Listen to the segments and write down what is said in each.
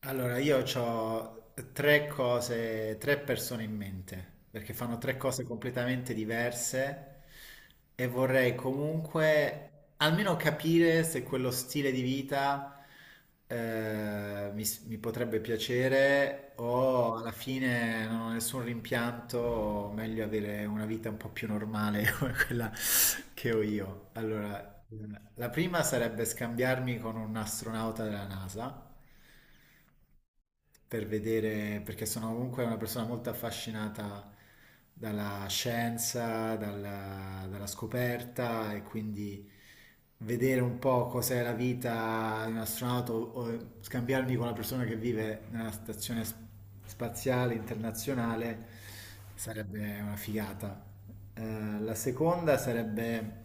Allora, io ho tre cose, tre persone in mente, perché fanno tre cose completamente diverse e vorrei comunque almeno capire se quello stile di vita mi potrebbe piacere o alla fine non ho nessun rimpianto, o meglio avere una vita un po' più normale come quella che ho io. Allora, la prima sarebbe scambiarmi con un astronauta della NASA per vedere, perché sono comunque una persona molto affascinata dalla scienza, dalla scoperta e quindi vedere un po' cos'è la vita di un astronauta o scambiarmi con una persona che vive nella stazione spaziale internazionale sarebbe una figata. La seconda sarebbe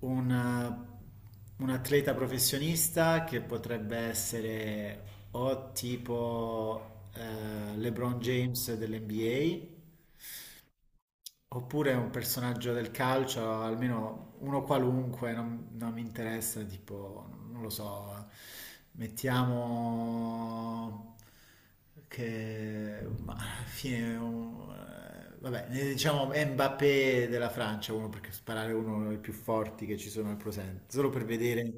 un, un atleta professionista che potrebbe essere o tipo LeBron James dell'NBA. Oppure un personaggio del calcio, almeno uno qualunque, non mi interessa, tipo, non lo so, mettiamo che, ma alla fine, vabbè, ne diciamo Mbappé della Francia, uno perché sparare è uno dei più forti che ci sono al presente, solo per vedere.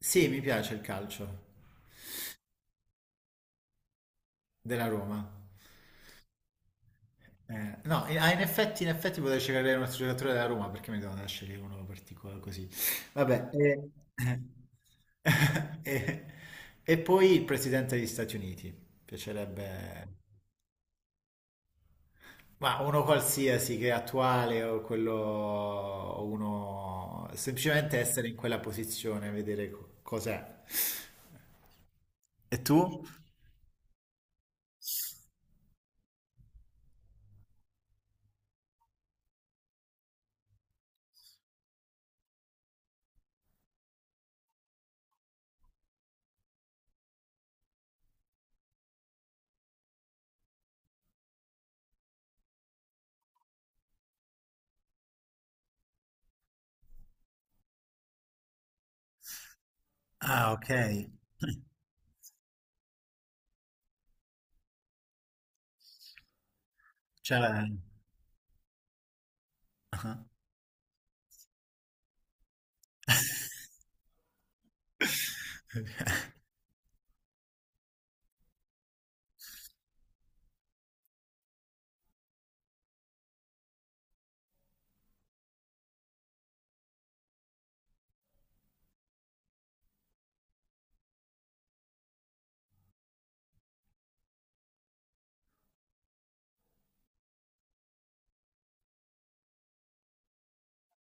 Sì, mi piace il calcio della Roma. No, ah, In effetti, in effetti potrei cercare un altro giocatore della Roma perché mi devo andare a scegliere uno particolare così. Vabbè, eh, e poi il presidente degli Stati Uniti. Piacerebbe, ma uno qualsiasi che è attuale o quello, o uno semplicemente essere in quella posizione, vedere cos'è. E tu? Ah, ok. Cioè, ah.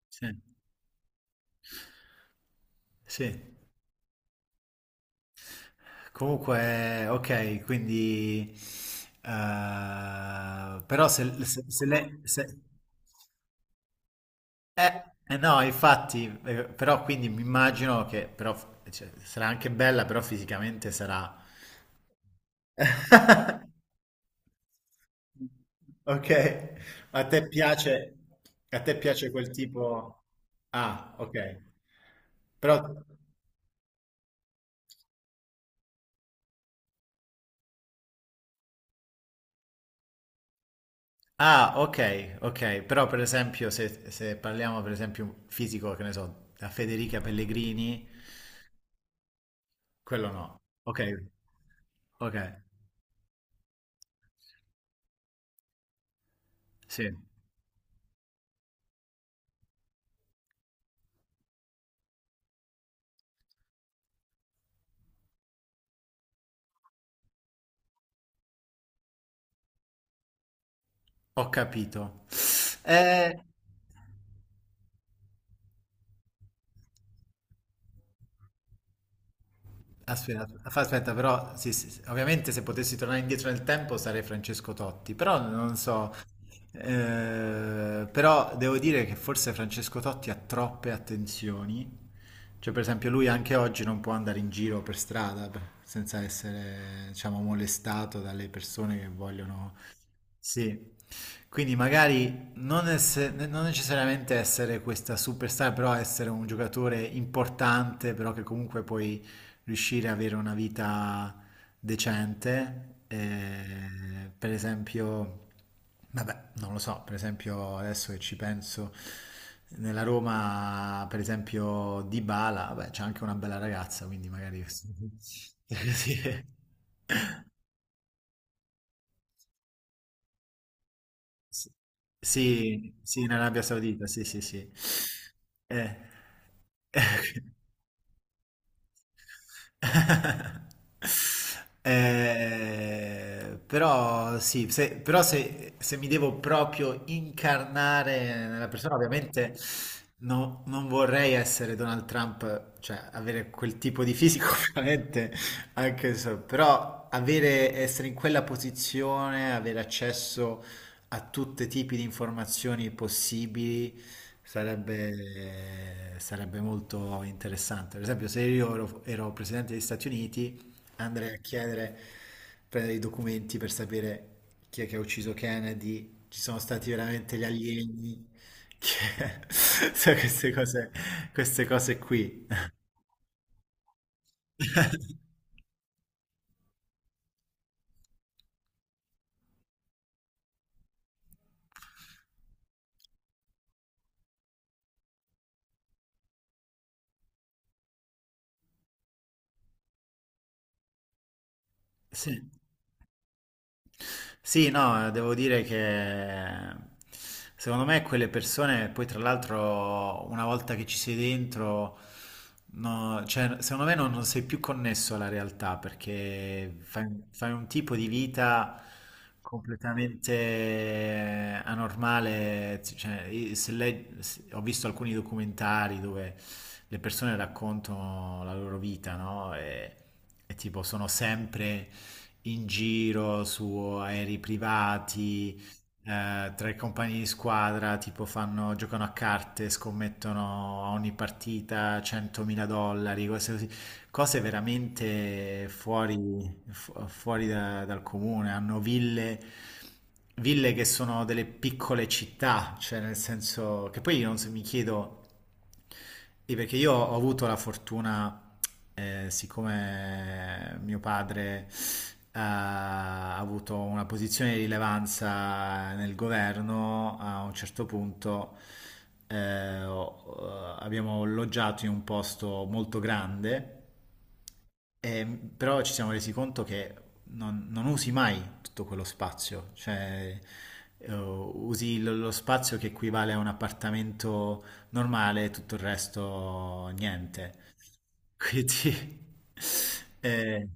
Sì. Sì. Comunque, ok, quindi... però se, se, se lei... no, infatti, però quindi mi immagino che però, cioè, sarà anche bella, però fisicamente sarà... Ok, a te piace, a te piace quel tipo... Ah, ok. Però ah, ok, ok, però per esempio se parliamo per esempio un fisico, che ne so, da Federica Pellegrini, quello no. Ok, ok, sì, ho capito. Eh, Aspetta, aspetta, però sì, sì, sì, ovviamente se potessi tornare indietro nel tempo sarei Francesco Totti, però non so, però devo dire che forse Francesco Totti ha troppe attenzioni, cioè per esempio lui anche oggi non può andare in giro per strada senza essere, diciamo, molestato dalle persone che vogliono sì, quindi magari non, non necessariamente essere questa superstar, però essere un giocatore importante, però che comunque puoi riuscire ad avere una vita decente. Per esempio, vabbè, non lo so, per esempio adesso che ci penso, nella Roma, per esempio, Dybala, vabbè, c'è anche una bella ragazza, quindi magari... Così. Sì, sì, sì, in Arabia Saudita, sì, sì, sì. Eh. Però se, se mi devo proprio incarnare nella persona, ovviamente non vorrei essere Donald Trump, cioè avere quel tipo di fisico, ovviamente, anche so, però avere, essere in quella posizione, avere accesso a tutti i tipi di informazioni possibili sarebbe, sarebbe molto interessante. Per esempio, se io ero, ero presidente degli Stati Uniti, andrei a chiedere, prendere i documenti per sapere chi è che ha ucciso Kennedy, ci sono stati veramente gli alieni, che- sai, queste cose qui. Sì. Sì, no, devo dire che secondo me quelle persone, poi tra l'altro una volta che ci sei dentro, no, cioè, secondo me non, non sei più connesso alla realtà perché fai un tipo di vita completamente anormale. Cioè, io- se lei- se- ho visto alcuni documentari dove le persone raccontano la loro vita, no? E e tipo sono sempre in giro su aerei privati, tra i compagni di squadra, tipo fanno, giocano a carte, scommettono a ogni partita 100.000 dollari, cose così, cose veramente fuori, dal comune. Hanno ville, ville che sono delle piccole città, cioè nel senso che poi io non so- mi chiedo sì, perché io ho avuto la fortuna, siccome mio padre ha avuto una posizione di rilevanza nel governo, a un certo punto abbiamo loggiato in un posto molto grande. Però ci siamo resi conto che non, non usi mai tutto quello spazio, cioè usi lo spazio che equivale a un appartamento normale, tutto il resto niente. Quindi, eh,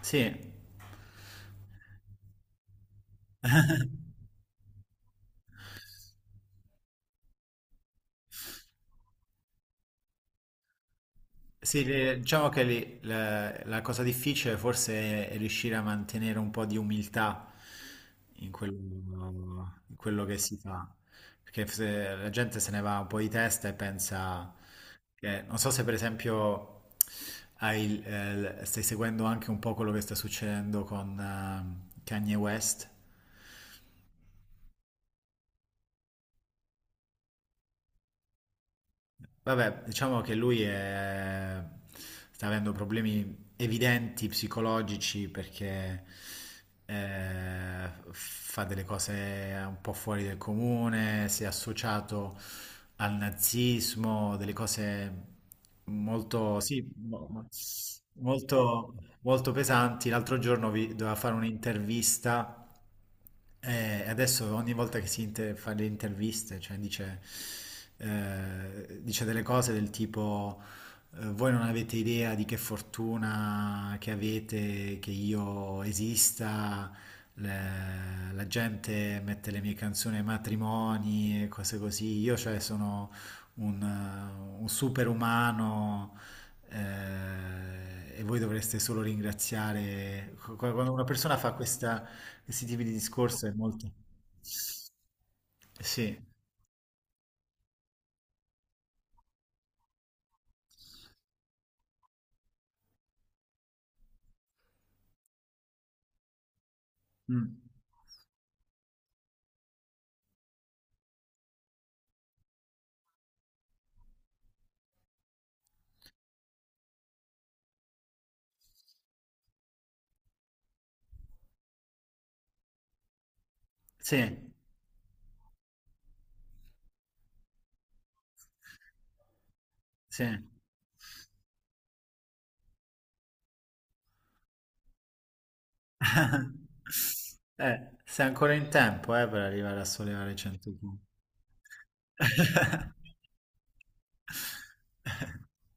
sì. Sì, le- diciamo che lì la cosa difficile forse è riuscire a mantenere un po' di umiltà in quello, in quello che si fa, perché se la gente se ne va un po' di testa e pensa che, non so se per esempio hai stai seguendo anche un po' quello che sta succedendo con Kanye West. Vabbè, diciamo che sta avendo problemi evidenti psicologici perché fa delle cose un po' fuori del comune, si è associato al nazismo, delle cose molto, sì, molto, molto pesanti. L'altro giorno doveva fare un'intervista adesso ogni volta che si fa le interviste, cioè dice, dice delle cose del tipo, voi non avete idea di che fortuna che avete, che io esista, la gente mette le mie canzoni ai matrimoni e cose così, io cioè sono un superumano e voi dovreste solo ringraziare. Quando una persona fa questi tipi di discorso è molto... Sì, mm. Sì, sì. Sei ancora in tempo, per arrivare a sollevare 100 kg.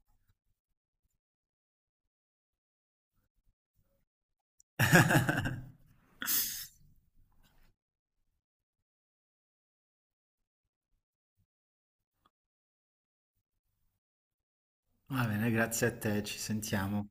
Va bene, grazie a te, ci sentiamo.